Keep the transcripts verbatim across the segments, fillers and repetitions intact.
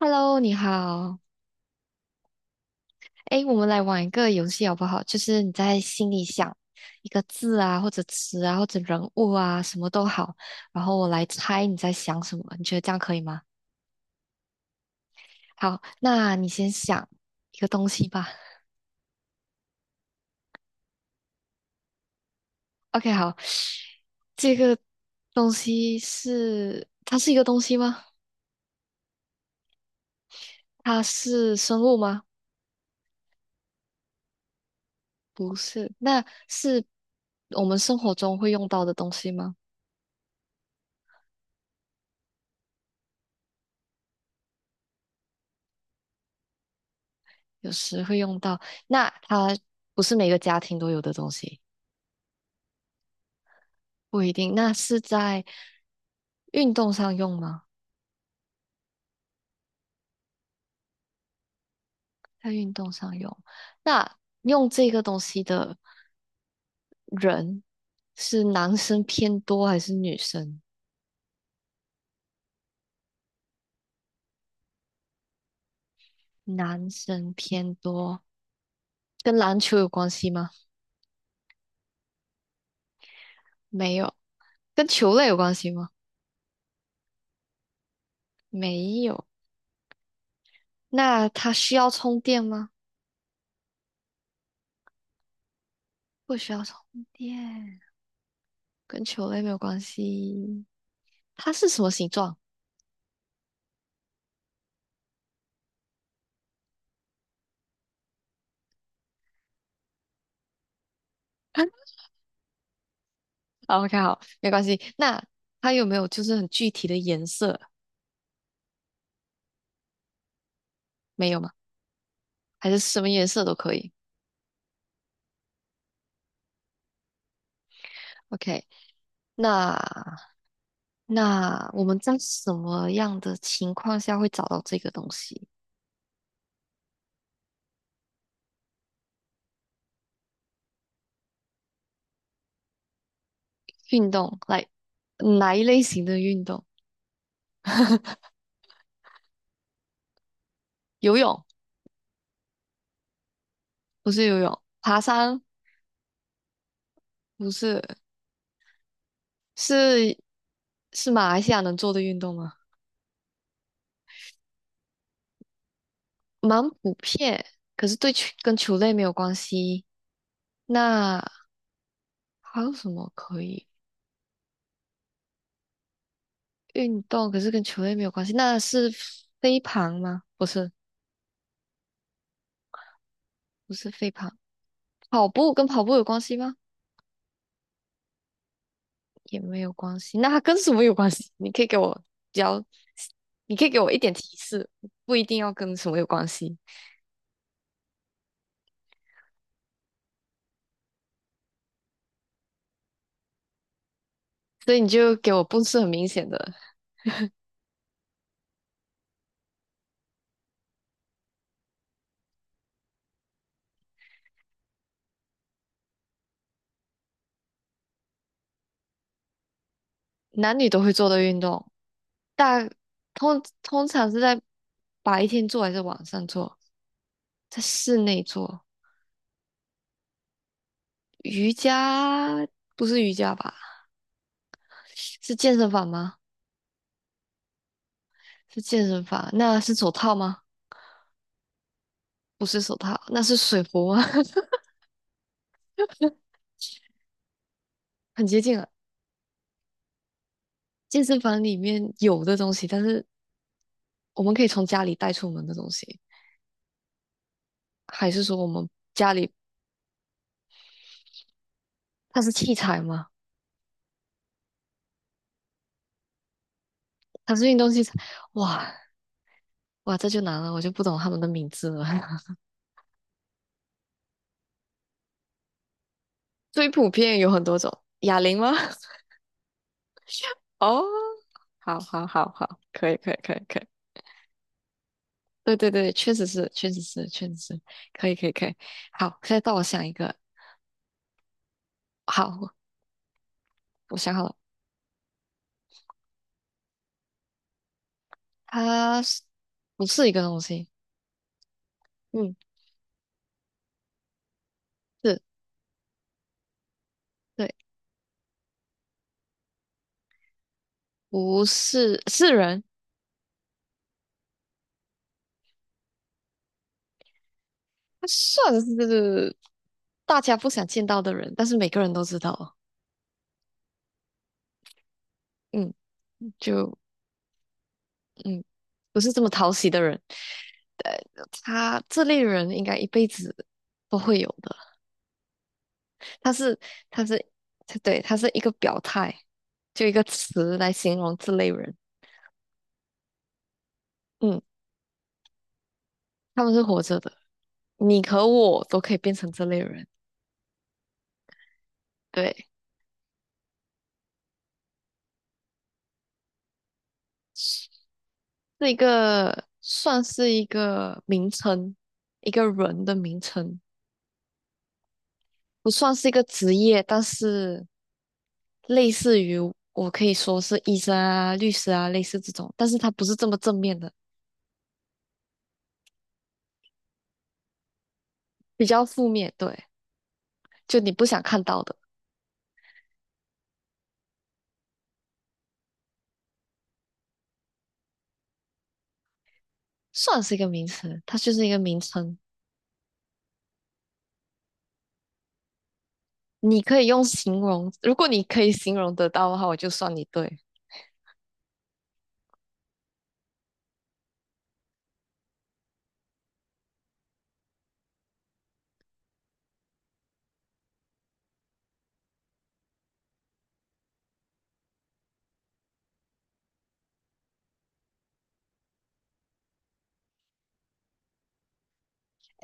Hello，你好。哎，我们来玩一个游戏好不好？就是你在心里想一个字啊，或者词啊，或者人物啊，什么都好，然后我来猜你在想什么。你觉得这样可以吗？好，那你先想一个东西吧。OK，好，这个东西是，它是一个东西吗？它是生物吗？不是，那是我们生活中会用到的东西吗？有时会用到。那它不是每个家庭都有的东西，不一定。那是在运动上用吗？在运动上用。那用这个东西的人是男生偏多还是女生？男生偏多，跟篮球有关系吗？没有。跟球类有关系吗？没有。那它需要充电吗？不需要充电，跟球类没有关系。它是什么形状？OK，好，没关系。那它有没有就是很具体的颜色？没有吗？还是什么颜色都可以？OK，那那我们在什么样的情况下会找到这个东西？运动，来，哪一类型的运动？游泳不是游泳，爬山不是，是是马来西亚能做的运动吗？蛮普遍，可是对球跟球类没有关系。那还有什么可以？运动，可是跟球类没有关系，那是飞盘吗？不是，不是飞盘，跑步跟跑步有关系吗？也没有关系，那它跟什么有关系？你可以给我比较，你可以给我一点提示，不一定要跟什么有关系，所以你就给我不是很明显的，男女都会做的运动，大通通常是在白天做还是晚上做？在室内做，瑜伽不是瑜伽吧？是健身房吗？是健身房，那是手套吗？不是手套，那是水壶吗？很接近了。健身房里面有的东西，但是我们可以从家里带出门的东西，还是说我们家里它是器材吗？它是运动器材？哇哇，这就难了，我就不懂他们的名字了。最普遍有很多种，哑铃吗？哦，好好好好，可以可以可以可以，对对对，确实是确实是确实是，可以可以可以。好，现在到我想一个，好，我我想好了。他是不是一个东西？嗯，是，对，不是，是人，他算是大家不想见到的人，但是每个人都知道，嗯，就嗯，不是这么讨喜的人，对，他这类人应该一辈子都会有的。他是，他是，它对，他是一个表态，就一个词来形容这类人，嗯，他们是活着的，你和我都可以变成这类人，对。是一个算是一个名称，一个人的名称，不算是一个职业，但是类似于我可以说是医生啊、律师啊，类似这种，但是它不是这么正面的，比较负面，对，就你不想看到的，算是一个名词，它就是一个名称，你可以用形容，如果你可以形容得到的话，我就算你对。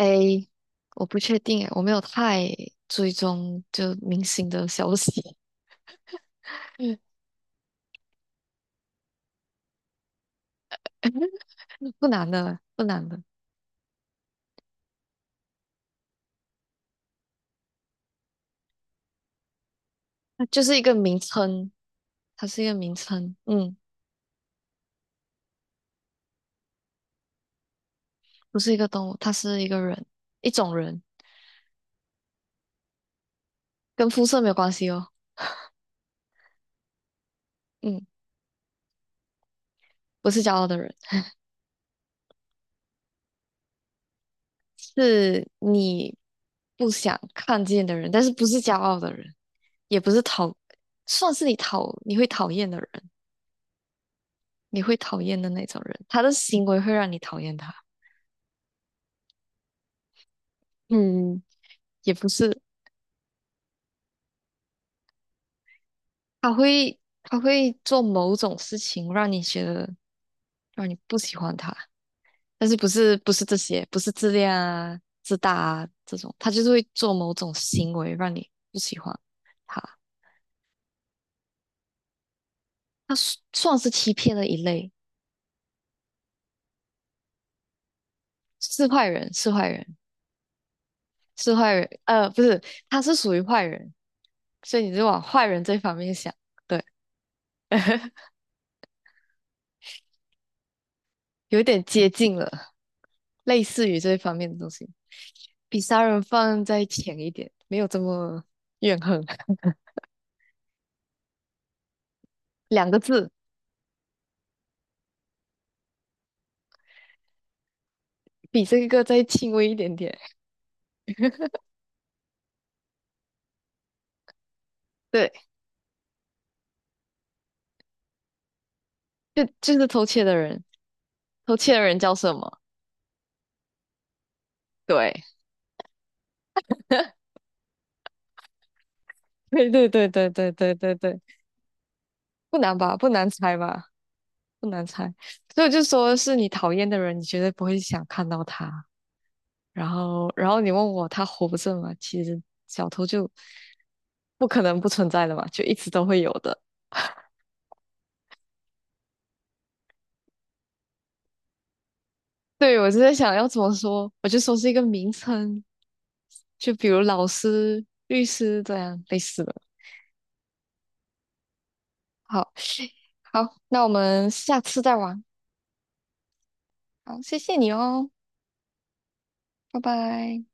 A，我不确定诶，我没有太追踪就明星的消息。嗯，不难的，不难的，它就是一个名称，它是一个名称，嗯，不是一个动物，它是一个人，一种人，跟肤色没有关系哦，嗯，不是骄傲的人，是你不想看见的人，但是不是骄傲的人，也不是讨，算是你讨，你会讨厌的人，你会讨厌的那种人，他的行为会让你讨厌他，嗯，也不是，他会他会做某种事情让你觉得让你不喜欢他。但是不是不是这些，不是自恋啊、自大啊这种，他就是会做某种行为让你不喜欢他，他算算是欺骗的一类，是坏人，是坏人，是坏人，呃，不是，他是属于坏人，所以你就往坏人这方面想，对，有点接近了，类似于这方面的东西，比杀人犯再浅一点，没有这么怨恨，两个字，比这个再轻微一点点，对，就就是偷窃的人。偷窃的人叫什么？对，对对对对对对对对，不难吧？不难猜吧？不难猜。所以我就说是你讨厌的人，你绝对不会想看到他。然后，然后你问我他活着吗？其实小偷就不可能不存在的嘛，就一直都会有的。对，我就在想要怎么说，我就说是一个名称，就比如老师、律师这样类似的。好，好，那我们下次再玩。好，谢谢你哦，拜拜。